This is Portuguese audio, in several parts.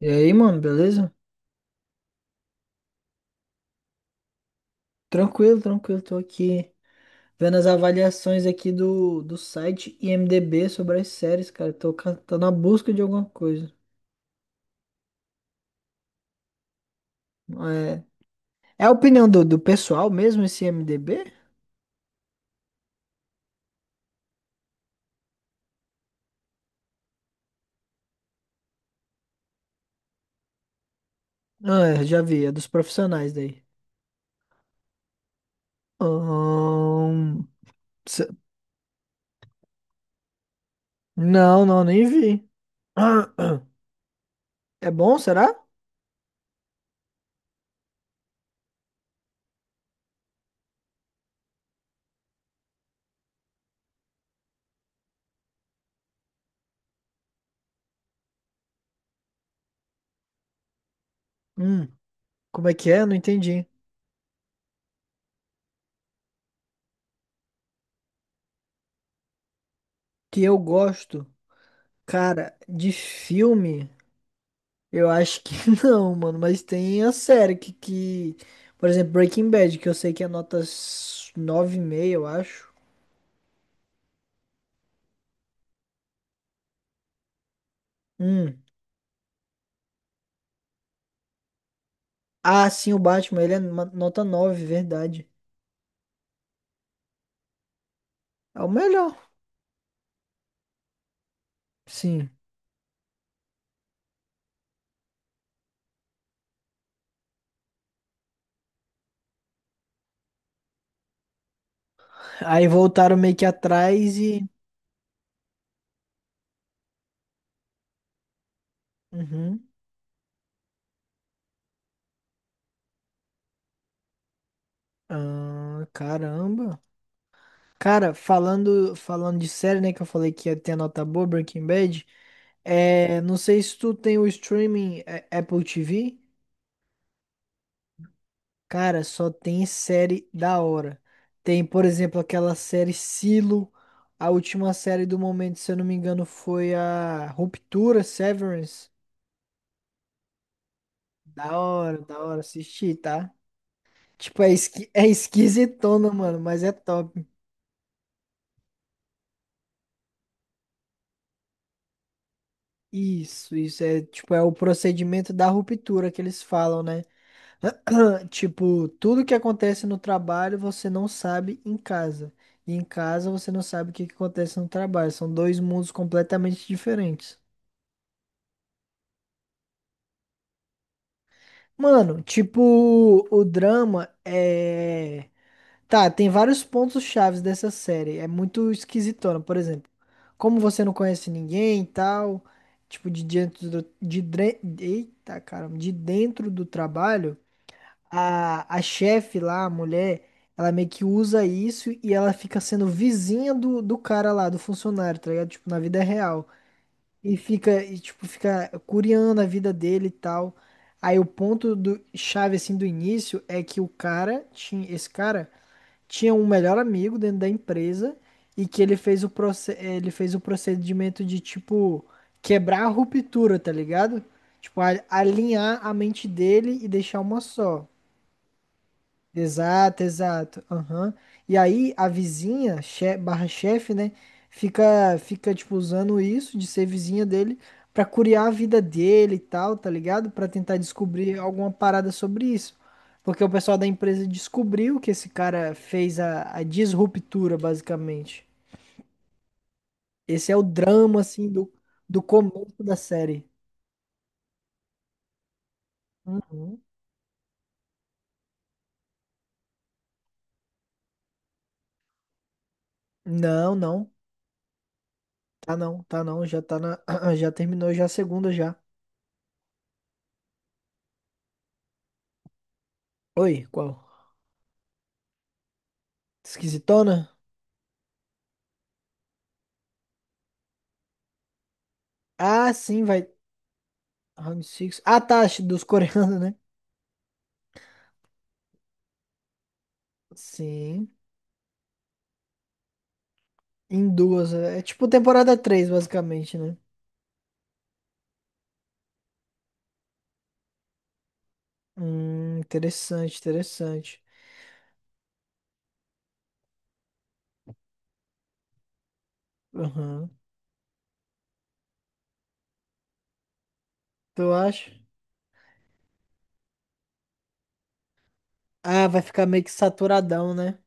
E aí, mano, beleza? Tranquilo, tranquilo. Tô aqui vendo as avaliações aqui do site IMDb sobre as séries, cara. Tô, tô na busca de alguma coisa. É, é a opinião do pessoal mesmo esse IMDb? Ah, é, já vi, é dos profissionais daí. Ahn, se- não, não, nem vi. É bom, será? Hum, como é que é? Não entendi. Que eu gosto, cara, de filme. Eu acho que não, mano, mas tem a série que por exemplo, Breaking Bad, que eu sei que é nota nove e meio, eu acho. Hum. Ah, sim, o Batman, ele é nota 9, verdade. É o melhor. Sim. Aí voltaram meio que atrás e uhum. Ah, caramba. Cara, falando de série, né, que eu falei que ia ter a nota boa, Breaking Bad, é, não sei se tu tem o streaming é, Apple TV. Cara, só tem série da hora. Tem, por exemplo, aquela série Silo. A última série do momento, se eu não me engano, foi a Ruptura, Severance. Da hora assistir, tá? Tipo, é, é esquisitona, mano, mas é top. Isso é, tipo, é o procedimento da ruptura que eles falam, né? Tipo, tudo que acontece no trabalho você não sabe em casa. E em casa você não sabe o que que acontece no trabalho. São dois mundos completamente diferentes. Mano, tipo, o drama é. Tá, tem vários pontos chaves dessa série. É muito esquisitona, por exemplo. Como você não conhece ninguém e tal, tipo, de dentro eita, caramba, de dentro do trabalho. A chefe lá, a mulher, ela meio que usa isso e ela fica sendo vizinha do cara lá, do funcionário, tá ligado? Tipo, na vida real. E fica, e, tipo, fica curiando a vida dele e tal. Aí o ponto do chave, assim, do início é que o cara tinha, esse cara tinha um melhor amigo dentro da empresa e que ele fez ele fez o procedimento de, tipo, quebrar a ruptura, tá ligado? Tipo, alinhar a mente dele e deixar uma só. Exato, exato. Aham. E aí a vizinha, barra chefe, né? Fica, fica, tipo, usando isso de ser vizinha dele pra curiar a vida dele e tal, tá ligado? Pra tentar descobrir alguma parada sobre isso. Porque o pessoal da empresa descobriu que esse cara fez a disruptura, basicamente. Esse é o drama, assim, do, do começo da série. Uhum. Não, não. Tá não, tá não. Já tá na. Já terminou já a segunda já. Oi, qual? Esquisitona? Ah, sim, vai. Round six. Ah, tá, dos coreanos, né? Sim. Em duas. É é tipo temporada 3, basicamente, né? Interessante, interessante. Aham. Tu acha? Ah, vai ficar meio que saturadão, né?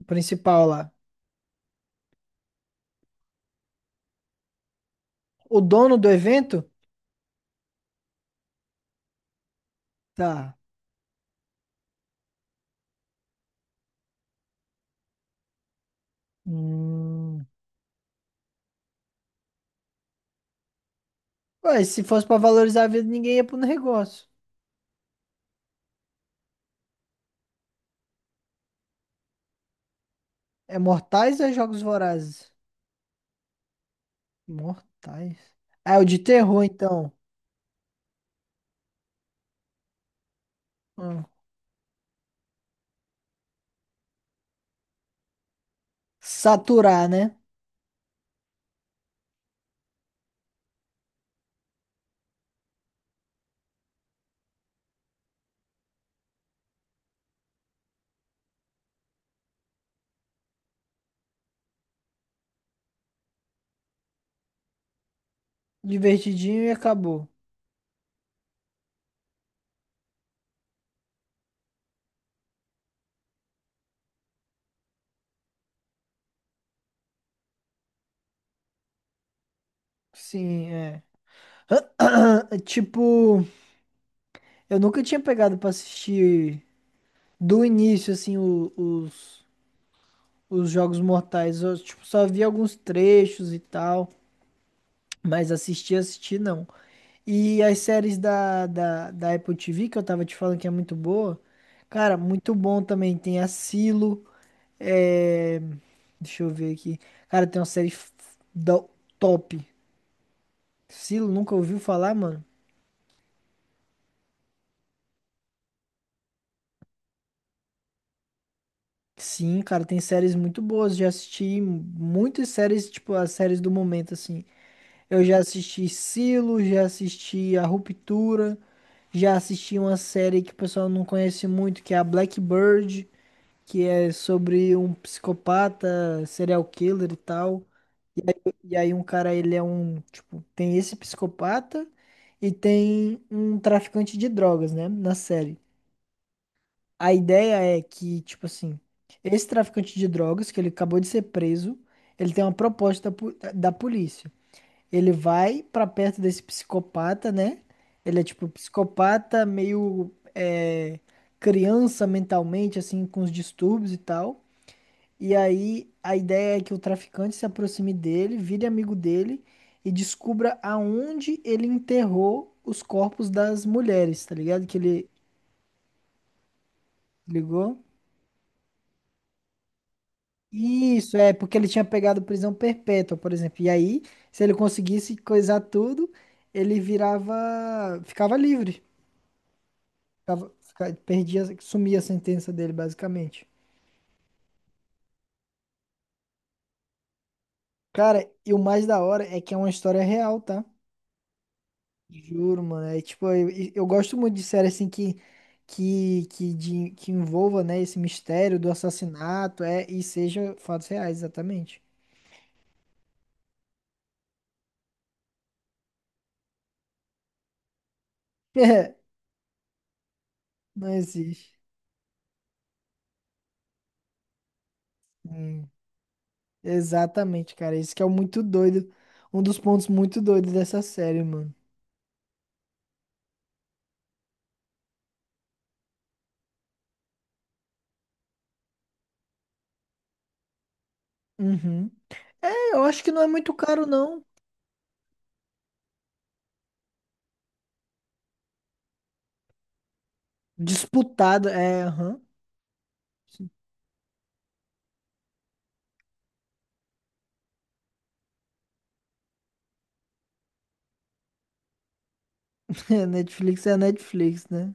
O principal lá. O dono do evento? Tá. Hum. Ué, se fosse pra valorizar a vida, ninguém ia pro negócio. É Mortais ou é Jogos Vorazes? Mortais. Ah, é o de terror, então. Hum. Saturar, né? Divertidinho e acabou. Sim, é. Tipo, eu nunca tinha pegado pra assistir do início, assim, os Jogos Mortais. Eu, tipo, só vi alguns trechos e tal, mas assistir, assistir não. E as séries da Apple TV, que eu tava te falando que é muito boa, cara, muito bom também. Tem a Silo, é... deixa eu ver aqui. Cara, tem uma série f- da top. Silo, nunca ouviu falar, mano? Sim, cara, tem séries muito boas. Já assisti muitas séries, tipo, as séries do momento, assim. Eu já assisti Silo, já assisti A Ruptura, já assisti uma série que o pessoal não conhece muito, que é a Blackbird, que é sobre um psicopata, serial killer e tal. E aí um cara, ele é um, tipo, tem esse psicopata e tem um traficante de drogas, né, na série. A ideia é que, tipo assim, esse traficante de drogas, que ele acabou de ser preso, ele tem uma proposta po- da polícia. Ele vai pra perto desse psicopata, né? Ele é tipo psicopata, meio é, criança mentalmente, assim, com os distúrbios e tal. E aí a ideia é que o traficante se aproxime dele, vire amigo dele e descubra aonde ele enterrou os corpos das mulheres, tá ligado? Que ele ligou. Isso, é porque ele tinha pegado prisão perpétua, por exemplo. E aí, se ele conseguisse coisar tudo, ele virava, ficava livre. Ficava, perdia, sumia a sentença dele, basicamente. Cara, e o mais da hora é que é uma história real, tá? Juro, mano. É tipo, eu gosto muito de série assim que que envolva, né, esse mistério do assassinato, é, e seja fatos reais, exatamente. Não existe. Hum. Exatamente, cara. Isso que é o muito doido. Um dos pontos muito doidos dessa série, mano. Uhum. É, eu acho que não é muito caro, não. Disputado, é, aham. A Netflix é a Netflix, né?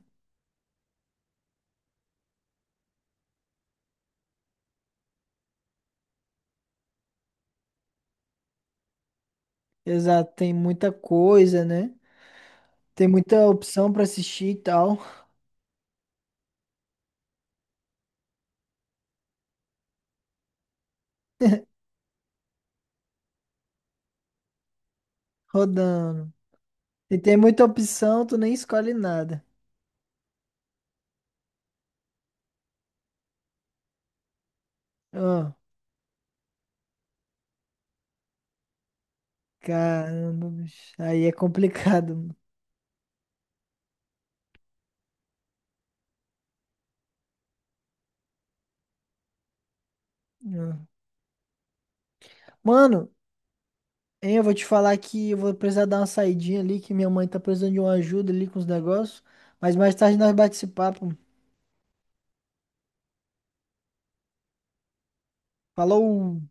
Exato, tem muita coisa, né? Tem muita opção pra assistir e tal, rodando. E tem muita opção, tu nem escolhe nada. Ah, caramba, bicho. Aí é complicado. Mano. Ah. Mano, hein, eu vou te falar que eu vou precisar dar uma saidinha ali, que minha mãe tá precisando de uma ajuda ali com os negócios. Mas mais tarde nós bate esse papo. Falou!